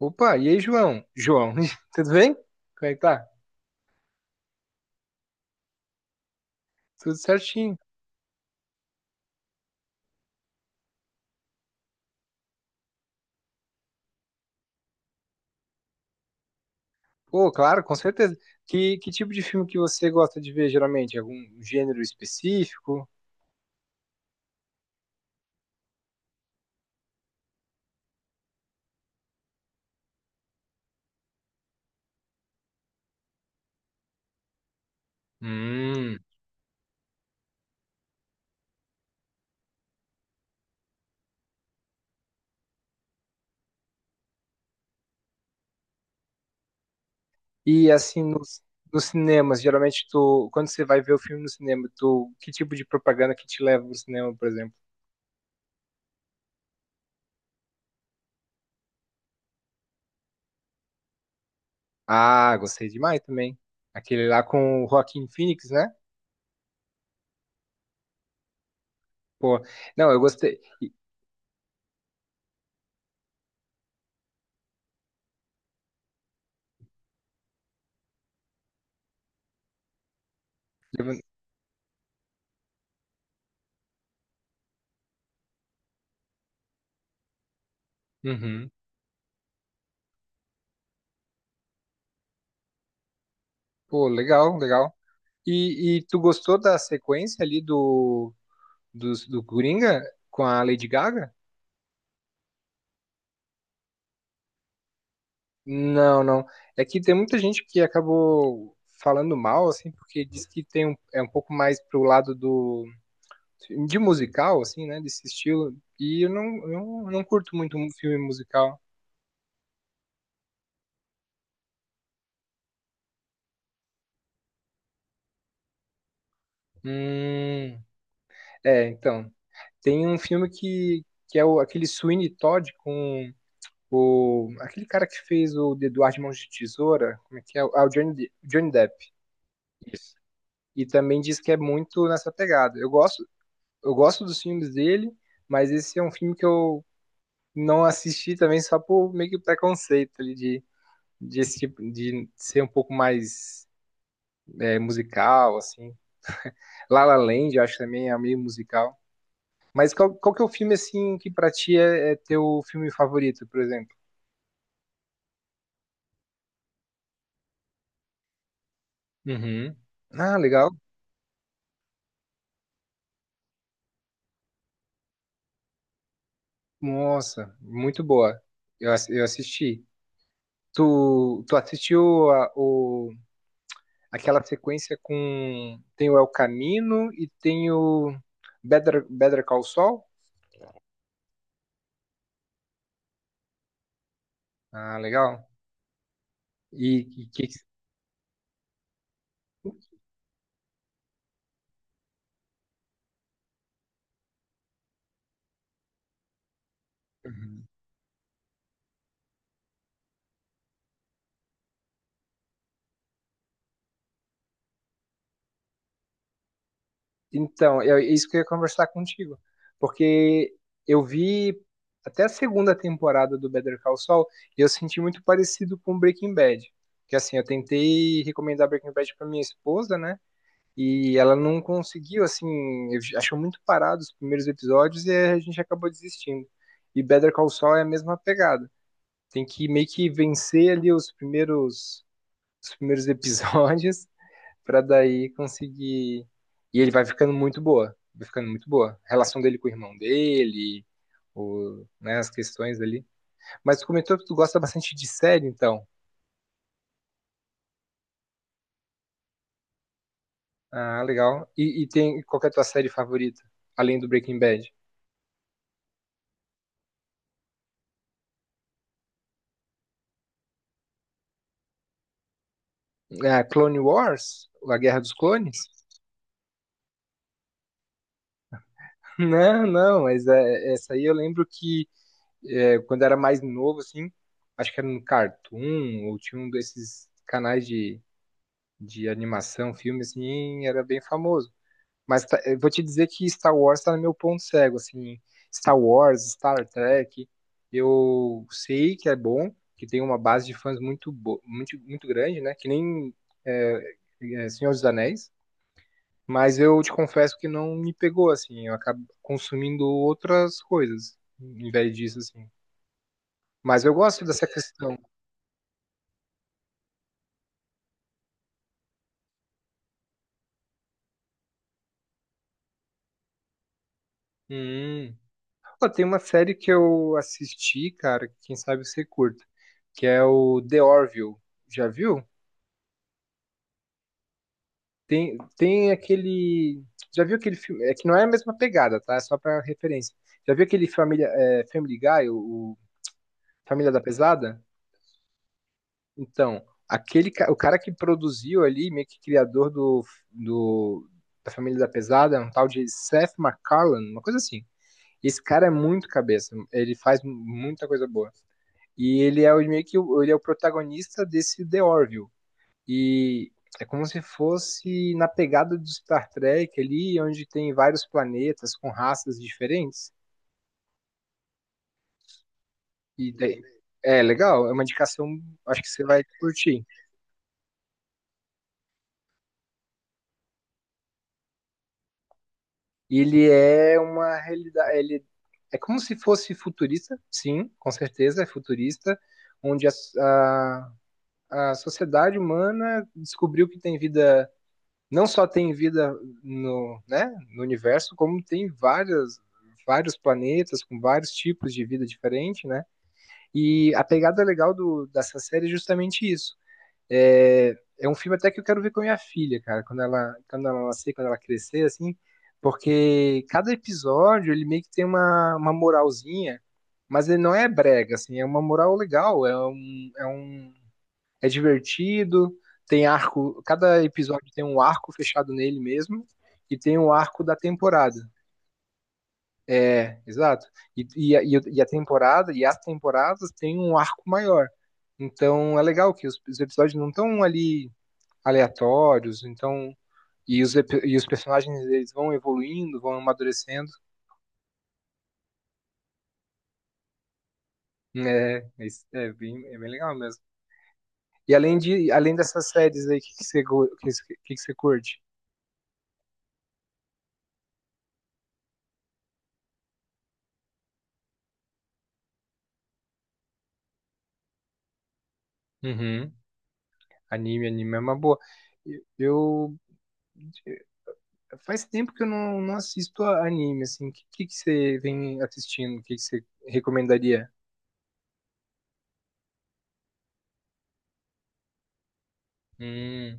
Opa, e aí, João? João, tudo bem? Como é que tá? Tudo certinho. Pô, claro, com certeza. Que tipo de filme que você gosta de ver, geralmente? Algum gênero específico? Hum. E assim, nos cinemas, geralmente quando você vai ver o filme no cinema, que tipo de propaganda que te leva pro cinema, por exemplo? Ah, gostei demais também. Aquele lá com o Joaquin Phoenix, né? Pô, não, eu gostei. Uhum. Pô, legal, legal. E tu gostou da sequência ali do, do Coringa com a Lady Gaga? Não, não. É que tem muita gente que acabou falando mal, assim, porque diz que tem um, é um pouco mais pro lado do de musical, assim, né, desse estilo. Eu não curto muito um filme musical. Hum, é, então, tem um filme que é o, aquele Sweeney Todd com o aquele cara que fez o de Eduardo de Mãos de Tesoura, como é que é? Ah, o Johnny Depp. Isso. E também diz que é muito nessa pegada. Eu gosto dos filmes dele, mas esse é um filme que eu não assisti também só por meio que preconceito ali de, esse tipo, de ser um pouco mais é, musical, assim. La La Land, eu acho também é meio musical. Mas qual que é o filme, assim, que pra ti é, é teu filme favorito, por exemplo? Uhum. Ah, legal. Nossa, muito boa. Eu assisti. Tu assistiu o aquela sequência com. Tem o El Camino e tem o Better Call Saul. Ah, legal. E, e que... Uhum. Então, é isso que eu ia conversar contigo. Porque eu vi até a segunda temporada do Better Call Saul e eu senti muito parecido com Breaking Bad. Que assim, eu tentei recomendar Breaking Bad pra minha esposa, né? E ela não conseguiu, assim, achou muito parado os primeiros episódios e a gente acabou desistindo. E Better Call Saul é a mesma pegada. Tem que meio que vencer ali os primeiros episódios pra daí conseguir. E ele vai ficando muito boa. Vai ficando muito boa. A relação dele com o irmão dele, o, né, as questões ali. Mas tu comentou que tu gosta bastante de série, então. Ah, legal. E tem qual que é a tua série favorita? Além do Breaking Bad? Ah, Clone Wars? A Guerra dos Clones? Não, não, mas essa aí eu lembro que é, quando era mais novo, assim, acho que era no Cartoon, ou tinha um desses canais de animação, filme, assim, era bem famoso. Mas eu vou te dizer que Star Wars tá no meu ponto cego, assim, Star Wars, Star Trek, eu sei que é bom, que tem uma base de fãs muito, muito grande, né, que nem é, é, Senhor dos Anéis, mas eu te confesso que não me pegou, assim, eu acabo consumindo outras coisas, em vez disso, assim. Mas eu gosto dessa questão. Hum, Pô, tem uma série que eu assisti, cara, que quem sabe você curta, que é o The Orville. Já viu? Tem aquele. Já viu aquele filme? É que não é a mesma pegada, tá? É só pra referência. Já viu aquele Family Guy, o Família da Pesada? Então, o cara que produziu ali, meio que criador do, da Família da Pesada, é um tal de Seth MacFarlane, uma coisa assim. Esse cara é muito cabeça, ele faz muita coisa boa. E ele é o, meio que o- ele é o protagonista desse The Orville. E é como se fosse na pegada do Star Trek ali, onde tem vários planetas com raças diferentes. E daí- é legal, é uma indicação, acho que você vai curtir. E ele é uma realidade, ele é como se fosse futurista, sim, com certeza é futurista, onde a sociedade humana descobriu que tem vida não só tem vida no, né, no universo, como tem várias vários planetas com vários tipos de vida diferente, né? E a pegada legal dessa série é justamente isso. É, é um filme até que eu quero ver com a minha filha, cara, quando ela nascer, quando ela crescer, assim, porque cada episódio ele meio que tem uma moralzinha, mas ele não é brega, assim, é uma moral legal, é um é divertido, tem arco, cada episódio tem um arco fechado nele mesmo e tem o um arco da temporada. É, exato. E a temporada, e as temporadas têm um arco maior. Então é legal que os episódios não estão ali aleatórios, então e e os personagens eles vão evoluindo, vão amadurecendo. É, isso é bem legal mesmo. E além dessas séries aí, o que que que você curte? Uhum. Anime, anime é uma boa. Eu, eu- faz tempo que eu não, não assisto a anime, assim. O que você vem assistindo? O que você recomendaria? Hum.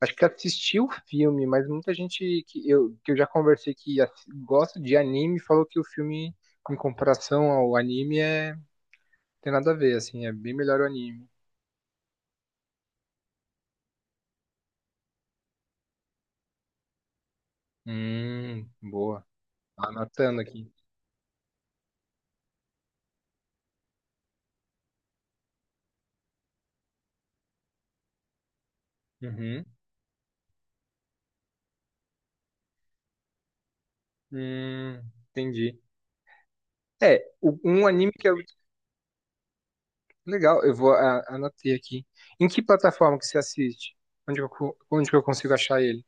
Acho que assisti o filme, mas muita gente que eu já conversei que gosta de anime falou que o filme, em comparação ao anime, é, tem nada a ver, assim, é bem melhor o anime. Boa. Anotando aqui. Uhum. Hum, entendi. É, um anime que eu legal, eu anotei aqui. Em que plataforma que você assiste? Onde que onde que eu consigo achar ele?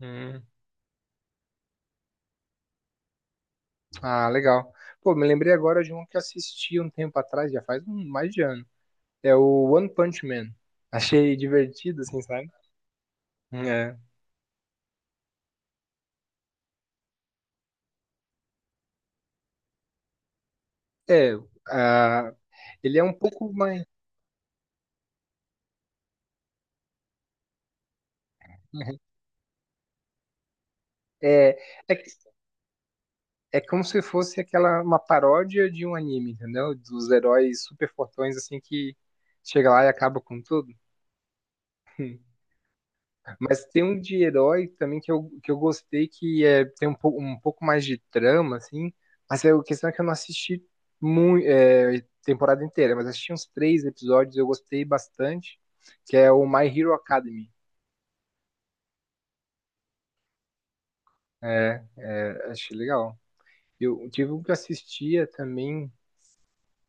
Hum, Ah, legal. Pô, me lembrei agora de um que eu assisti um tempo atrás, já faz um, mais de ano. É o One Punch Man. Achei divertido, assim, sabe? É. É, ah, ele é um pouco mais. É, é, que- é como se fosse aquela uma paródia de um anime, entendeu? Dos heróis super fortões, assim, que chega lá e acaba com tudo. Mas tem um de herói também que eu gostei, que é, tem um pouco mais de trama, assim. Mas é, a questão é que eu não assisti muito, temporada inteira, mas assisti uns 3 episódios, eu gostei bastante, que é o My Hero Academy. É, é, achei legal. Eu tive um que eu assistia também.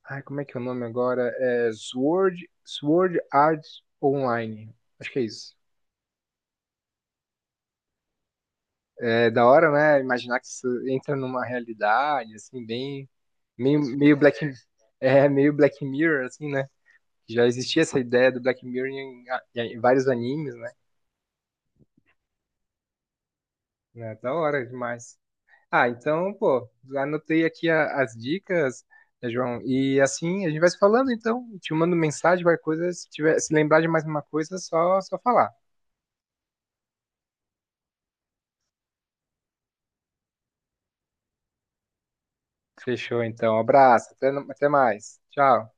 Ai, como é que é o nome agora? É Sword Art Online. Acho que é isso. É da hora, né? Imaginar que isso entra numa realidade, assim, bem. Meio, meio Black. É, meio Black Mirror, assim, né? Já existia essa ideia do Black Mirror em vários animes, né? É da hora demais. Ah, então, pô, anotei aqui as dicas, né, João. E assim, a gente vai se falando, então. Te mando mensagem, qualquer coisa. Se tiver, se lembrar de mais uma coisa, é só falar. Fechou, então. Abraço. Até, no- até mais. Tchau.